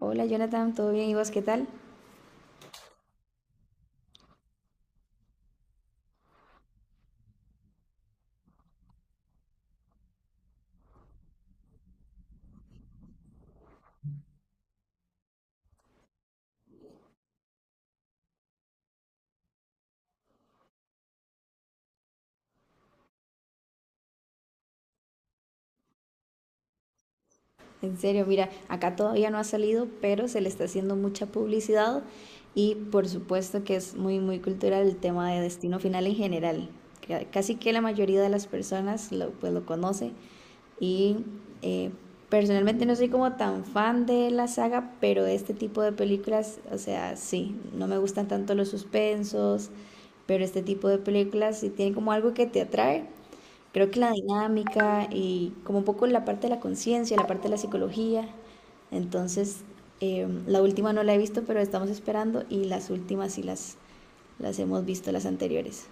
Hola Jonathan, ¿todo bien? ¿Y vos qué tal? En serio, mira, acá todavía no ha salido, pero se le está haciendo mucha publicidad y por supuesto que es muy, muy cultural el tema de Destino Final en general. Casi que la mayoría de las personas pues lo conoce y eh, personalmente no soy como tan fan de la saga, pero este tipo de películas, o sea, sí, no me gustan tanto los suspensos, pero este tipo de películas si tienen como algo que te atrae. Creo que la dinámica y como un poco la parte de la conciencia, la parte de la psicología. Entonces, la última no la he visto, pero estamos esperando, y las últimas sí las hemos visto, las anteriores.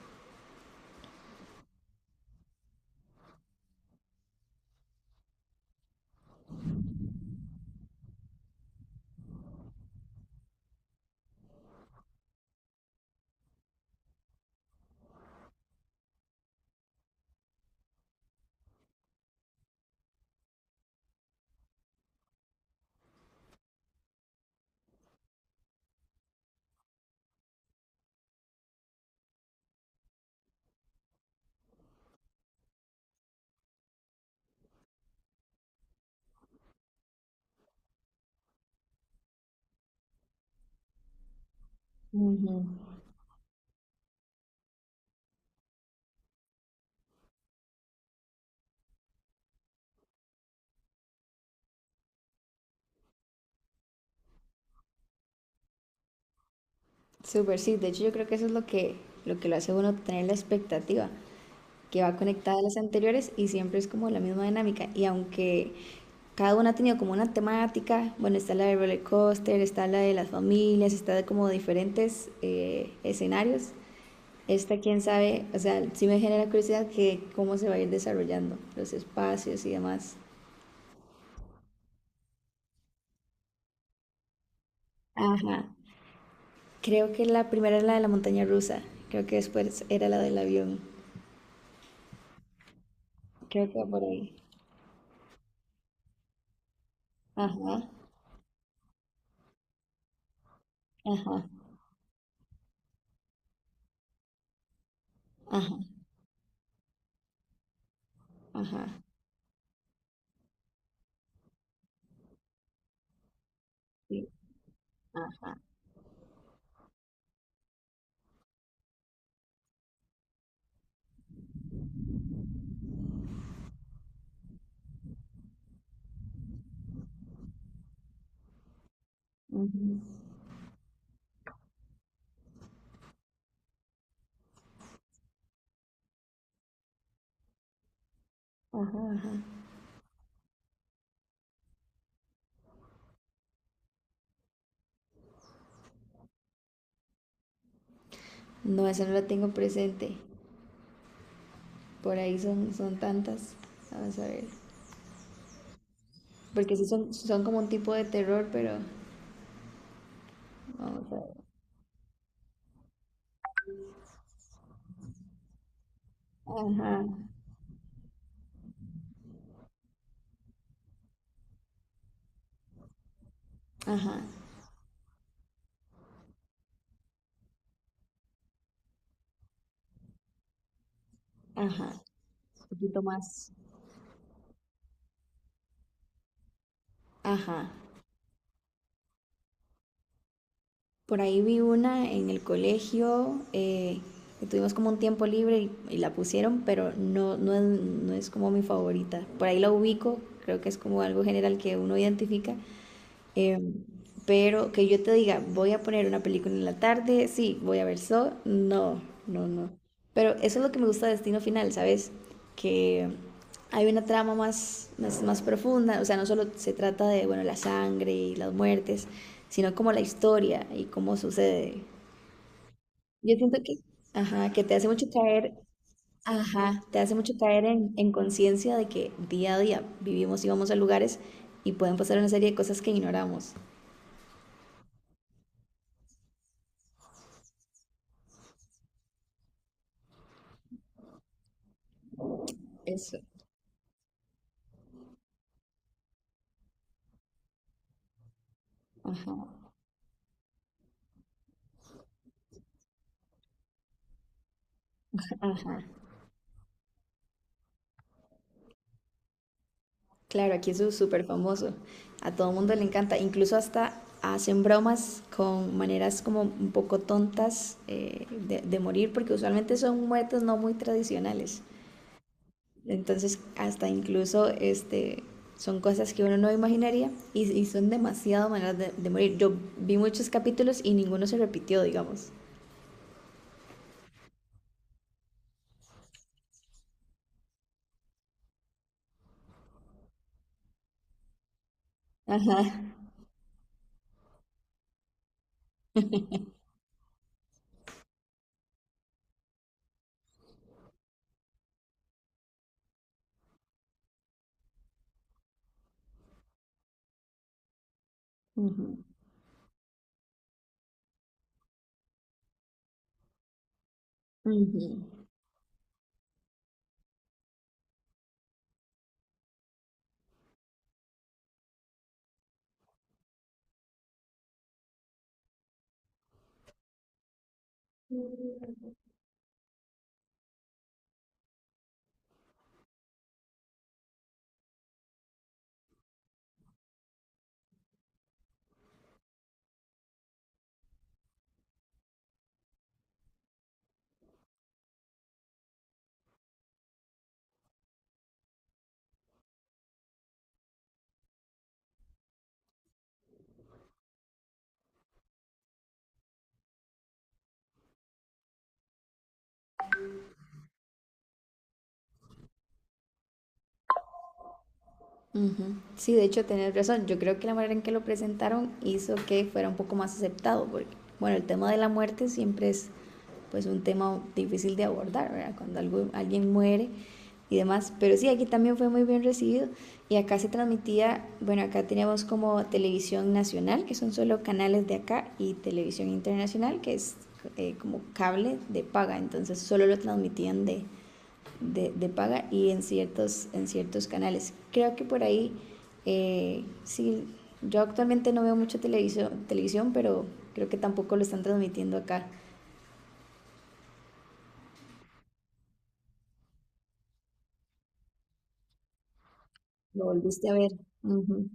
Ujú. Súper, sí. De hecho, yo creo que eso es lo que lo hace uno tener la expectativa, que va conectada a las anteriores y siempre es como la misma dinámica. Y aunque cada una ha tenido como una temática, bueno, está la de roller coaster, está la de las familias, está de como diferentes escenarios. Esta, quién sabe, o sea, sí me genera curiosidad que cómo se va a ir desarrollando los espacios y demás. Ajá. Creo que la primera era la de la montaña rusa. Creo que después era la del avión. Creo que va por ahí. Ajá, ajá, ajá, ajá. Sí, ajá. Ujú. No, eso no lo tengo presente. Por ahí son tantas. Vamos a ver. Porque sí son como un tipo de terror, pero vamos a ver. Ajá, ajá, ajá. Un poquito más. Ajá. Por ahí vi una en el colegio, que tuvimos como un tiempo libre y, la pusieron, pero no es como mi favorita. Por ahí la ubico, creo que es como algo general que uno identifica. Em, pero que yo te diga, voy a poner una película en la tarde, sí, voy a ver Saw, no, no, no. Pero eso es lo que me gusta de Destino Final, ¿sabes? Que hay una trama más profunda, o sea, no solo se trata de, bueno, la sangre y las muertes, sino como la historia y cómo sucede. Yo siento que, ajá, que te hace mucho caer, ajá, te hace mucho caer en conciencia de que día a día vivimos y vamos a lugares y pueden pasar una serie de cosas que ignoramos. Ajá, claro, aquí eso es súper famoso. A todo mundo le encanta. Incluso hasta hacen bromas con maneras como un poco tontas de morir, porque usualmente son muertes no muy tradicionales. Entonces, hasta incluso este, son cosas que uno no imaginaría y, son demasiado maneras de morir. Yo vi muchos capítulos y ninguno se repitió, digamos. Ajá. Ujú. Ujú. Sí, de hecho, tenés razón. Yo creo que la manera en que lo presentaron hizo que fuera un poco más aceptado, porque, bueno, el tema de la muerte siempre es pues un tema difícil de abordar, ¿verdad? Cuando alguien muere y demás. Pero sí, aquí también fue muy bien recibido, y acá se transmitía. Bueno, acá teníamos como televisión nacional, que son solo canales de acá, y televisión internacional, que es como cable de paga. Entonces solo lo transmitían de paga y en en ciertos canales. Creo que por ahí, sí, yo actualmente no veo mucho televisión, televisión, pero creo que tampoco lo están transmitiendo acá. Lo volviste a ver. Ujú,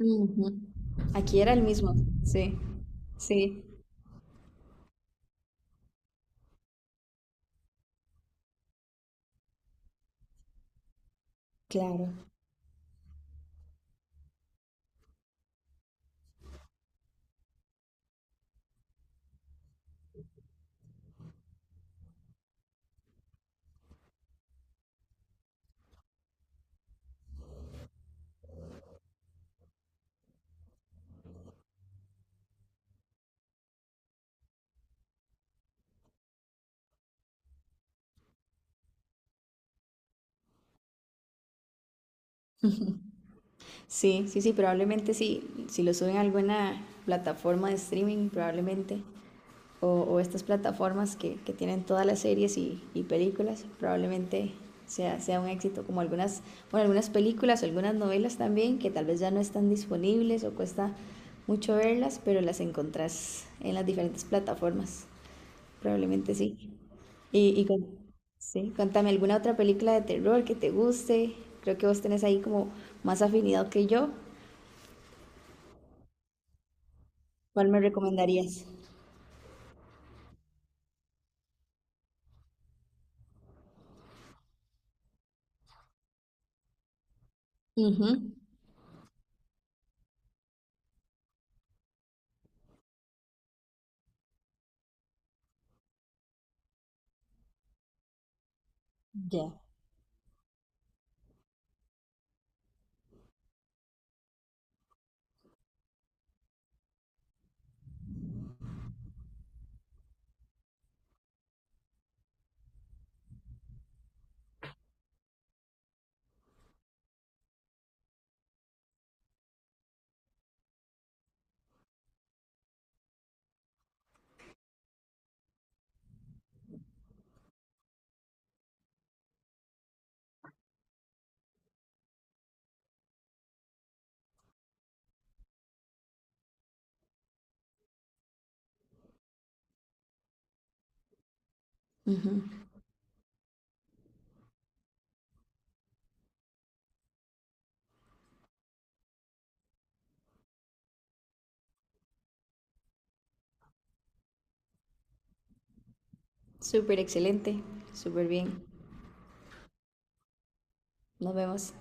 ujú. Aquí era el mismo, sí, sí, claro. Sí, sí, sí, probablemente sí. Si lo suben a alguna plataforma de streaming, probablemente, o estas plataformas que tienen todas las series y películas, probablemente sea un éxito, como algunas, bueno, algunas películas, algunas novelas también, que tal vez ya no están disponibles o cuesta mucho verlas, pero las encontrás en las diferentes plataformas, probablemente sí. Y, y con- sí, cuéntame alguna otra película de terror que te guste. Creo que vos tenés ahí como más afinidad que yo. ¿Cuál me recomendarías? Ujú, ujú. Súper excelente, súper bien. Nos vemos.